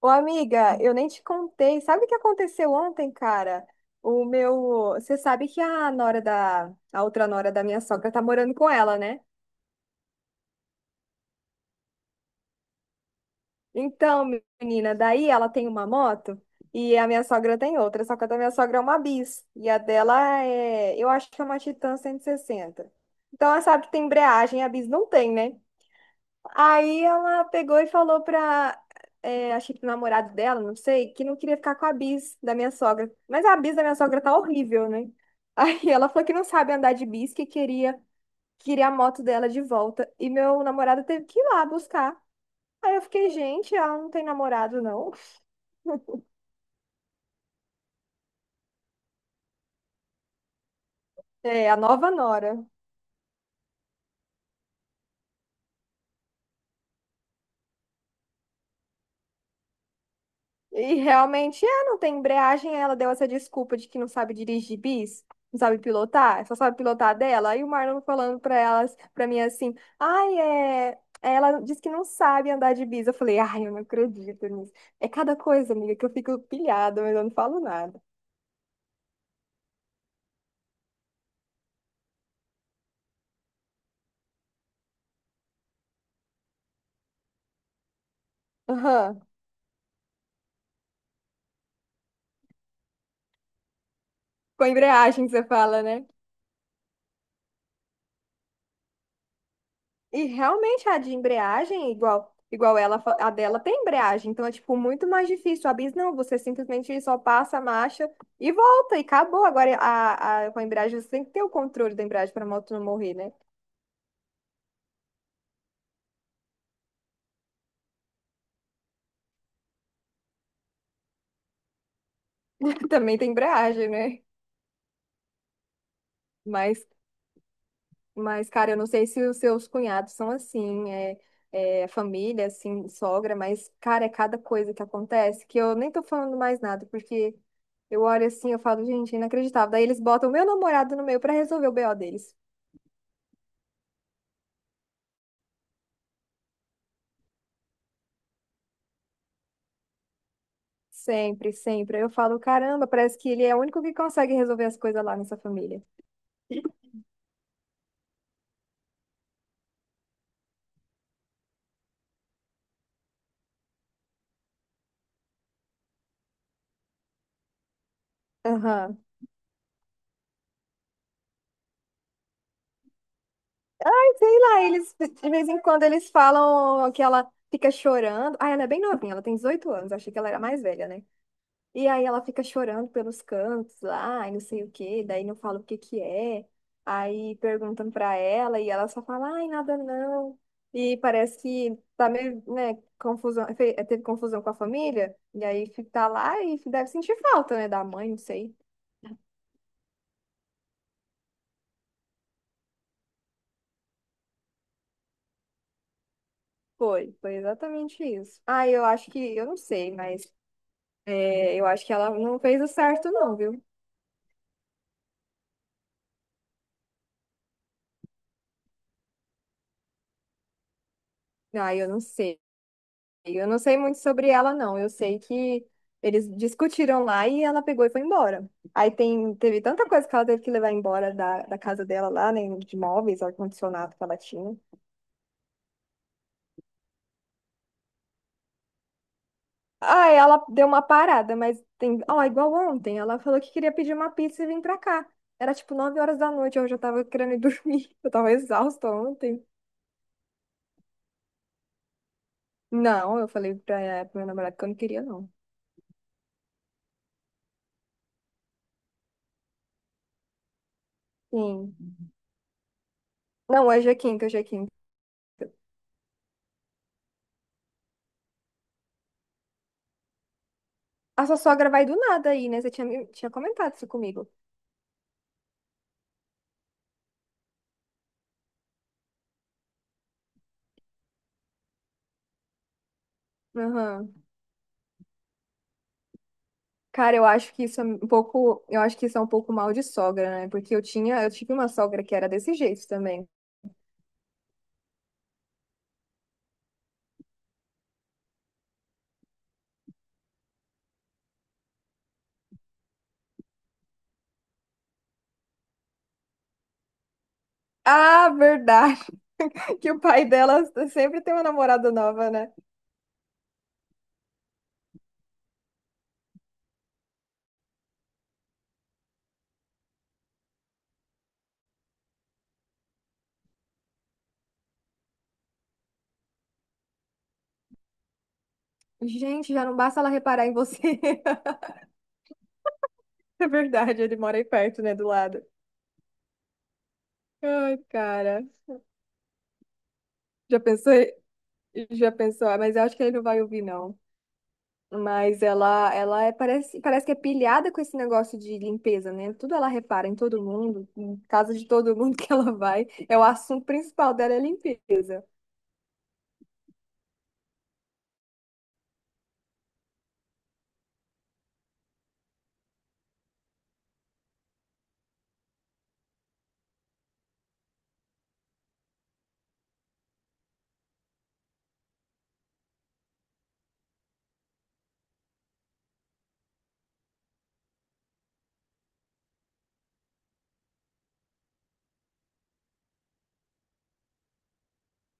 Ô, amiga, eu nem te contei. Sabe o que aconteceu ontem, cara? O meu. Você sabe que a outra nora da minha sogra tá morando com ela, né? Então, menina, daí ela tem uma moto e a minha sogra tem outra. Só que a da minha sogra é uma bis. E a dela é. Eu acho que é uma Titan 160. Então, ela sabe que tem embreagem, a bis não tem, né? Aí ela pegou e falou pra, acho que pro namorado dela, não sei, que não queria ficar com a bis da minha sogra. Mas a bis da minha sogra tá horrível, né? Aí ela falou que não sabe andar de bis, que queria a moto dela de volta. E meu namorado teve que ir lá buscar. Aí eu fiquei, gente, ela não tem namorado, não. É, a nova nora. E realmente é, não tem embreagem. Aí ela deu essa desculpa de que não sabe dirigir bis, não sabe pilotar, só sabe pilotar dela. Aí o Marlon falando pra elas, pra mim assim, ai, é. É, ela disse que não sabe andar de bis. Eu falei, ai, eu não acredito nisso. É cada coisa, amiga, que eu fico pilhada, mas eu não falo nada. Aham. Com a embreagem que você fala, né? E realmente a de embreagem, igual ela, a dela tem embreagem, então é tipo muito mais difícil. A bis não, você simplesmente só passa a marcha e volta e acabou. Agora com a embreagem você tem que ter o controle da embreagem para a moto não morrer, né? Também tem embreagem, né? Mas Mas, cara, eu não sei se os seus cunhados são assim, família, assim, sogra, mas, cara, é cada coisa que acontece que eu nem tô falando mais nada, porque eu olho assim, eu falo, gente, é inacreditável. Daí eles botam o meu namorado no meio pra resolver o BO deles. Sempre, sempre. Eu falo, caramba, parece que ele é o único que consegue resolver as coisas lá nessa família. Aham. Sei lá, eles, de vez em quando, eles falam que ela fica chorando. Ah, ela é bem novinha, ela tem 18 anos, achei que ela era mais velha, né? E aí ela fica chorando pelos cantos lá, e não sei o quê, daí não fala o que que é. Aí perguntam pra ela e ela só fala, ai, nada não. E parece que tá meio, né, confusão, teve confusão com a família, e aí tá lá e deve sentir falta, né, da mãe, não sei. Foi, foi exatamente isso. Ah, eu acho que, eu não sei, mas eu acho que ela não fez o certo não, viu? Ah, eu não sei. Eu não sei muito sobre ela, não. Eu sei que eles discutiram lá e ela pegou e foi embora. Aí teve tanta coisa que ela teve que levar embora da casa dela lá, né? De móveis, ar-condicionado que ela tinha. Ah, ela deu uma parada, mas tem. Ó, igual ontem, ela falou que queria pedir uma pizza e vir pra cá. Era tipo 9 horas da noite, eu já tava querendo ir dormir. Eu tava exausta ontem. Não, eu falei pra, pro meu namorado que eu não queria, não. Sim. Não, hoje é quinta, hoje é quinta. A sua sogra vai do nada aí, né? Você tinha, tinha comentado isso comigo. Aham. Cara, eu acho que isso é um pouco mal de sogra, né? Porque eu tinha, eu tive uma sogra que era desse jeito também. Ah, verdade, que o pai dela sempre tem uma namorada nova, né? Gente, já não basta ela reparar em você. É verdade, ele mora aí perto, né, do lado. Ai, cara. Já pensou? Já pensou? Ah, mas eu acho que ele não vai ouvir, não. Mas ela é, parece que é pilhada com esse negócio de limpeza, né? Tudo ela repara em todo mundo, em casa de todo mundo que ela vai. É o assunto principal dela é limpeza.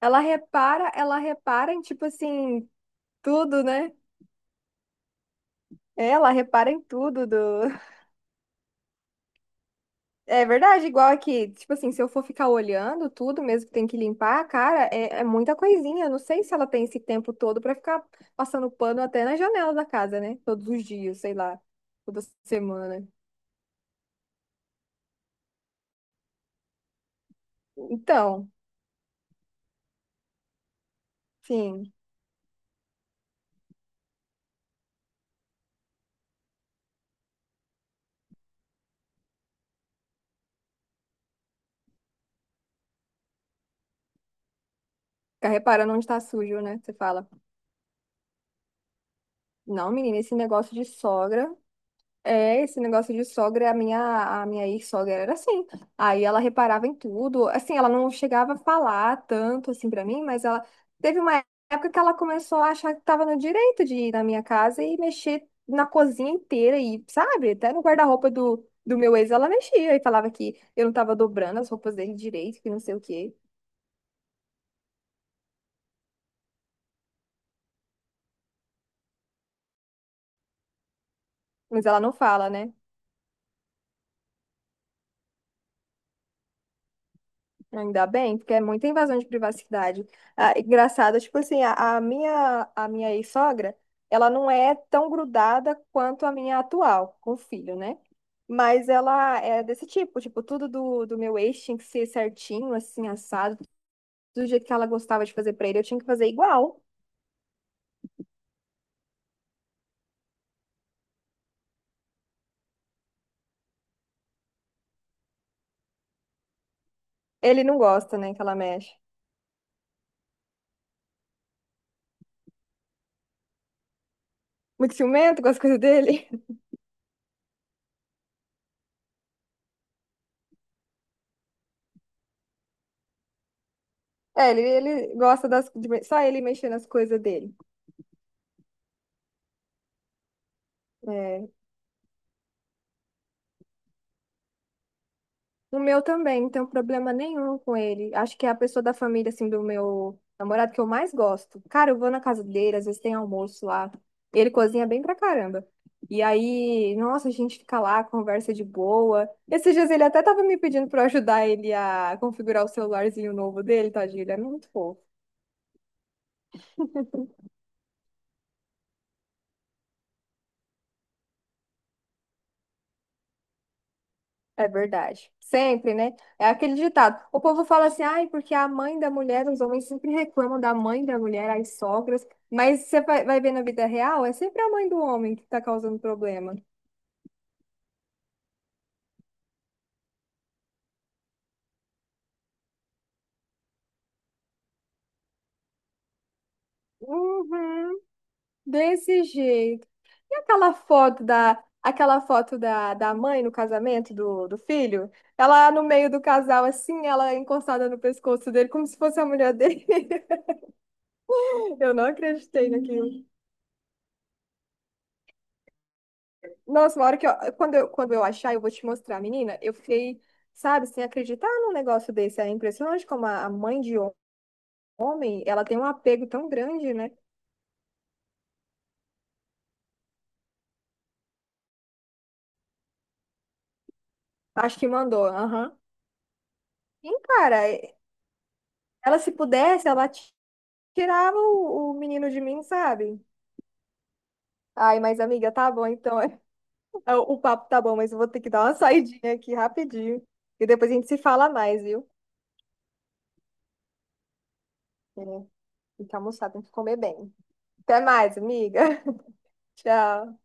Ela repara em tipo assim, tudo, né? É, ela repara em tudo do. É verdade, igual aqui. Tipo assim, se eu for ficar olhando tudo mesmo que tem que limpar, cara, é muita coisinha. Eu não sei se ela tem esse tempo todo pra ficar passando pano até na janela da casa, né? Todos os dias, sei lá, toda semana. Então, sim, fica reparando onde tá sujo, né? Você fala, não, menina, esse negócio de sogra, a minha ex-sogra era assim. Aí ela reparava em tudo, assim, ela não chegava a falar tanto, assim, pra mim, mas ela teve uma época que ela começou a achar que tava no direito de ir na minha casa e mexer na cozinha inteira e, sabe, até no guarda-roupa do meu ex ela mexia e falava que eu não tava dobrando as roupas dele direito, que não sei o quê. Mas ela não fala, né? Ainda bem, porque é muita invasão de privacidade. Ah, engraçado, tipo assim, a minha ex-sogra, ela não é tão grudada quanto a minha atual, com o filho, né? Mas ela é desse tipo, tipo, tudo do meu ex tinha que ser certinho, assim, assado, do jeito que ela gostava de fazer pra ele, eu tinha que fazer igual. Ele não gosta, né, que ela mexe. Muito ciumento com as coisas dele. É, ele gosta das, só ele mexer nas coisas dele. É, o meu também, não tenho problema nenhum com ele. Acho que é a pessoa da família, assim, do meu namorado que eu mais gosto. Cara, eu vou na casa dele, às vezes tem almoço lá. Ele cozinha bem pra caramba. E aí, nossa, a gente fica lá, conversa de boa. Esses dias ele até tava me pedindo pra eu ajudar ele a configurar o celularzinho novo dele, tadinho, ele é muito fofo. É verdade. Sempre, né? É aquele ditado. O povo fala assim, ai, porque a mãe da mulher, os homens sempre reclamam da mãe da mulher, as sogras, mas você vai ver na vida real, é sempre a mãe do homem que tá causando problema. Uhum. Desse jeito. E aquela foto da, da mãe no casamento do filho? Ela no meio do casal, assim, ela encostada no pescoço dele, como se fosse a mulher dele. Eu não acreditei naquilo. Nossa, uma hora que eu, quando eu achar, eu vou te mostrar, menina. Eu fiquei, sabe, sem acreditar num negócio desse. É impressionante como a mãe de homem, ela tem um apego tão grande, né? Acho que mandou, aham. Sim, cara, ela se pudesse, tirava o menino de mim, sabe? Ai, mas amiga, tá bom, então. O papo tá bom, mas eu vou ter que dar uma saidinha aqui rapidinho. E depois a gente se fala mais, viu? É, tem que almoçar, tem que comer bem. Até mais, amiga. Tchau.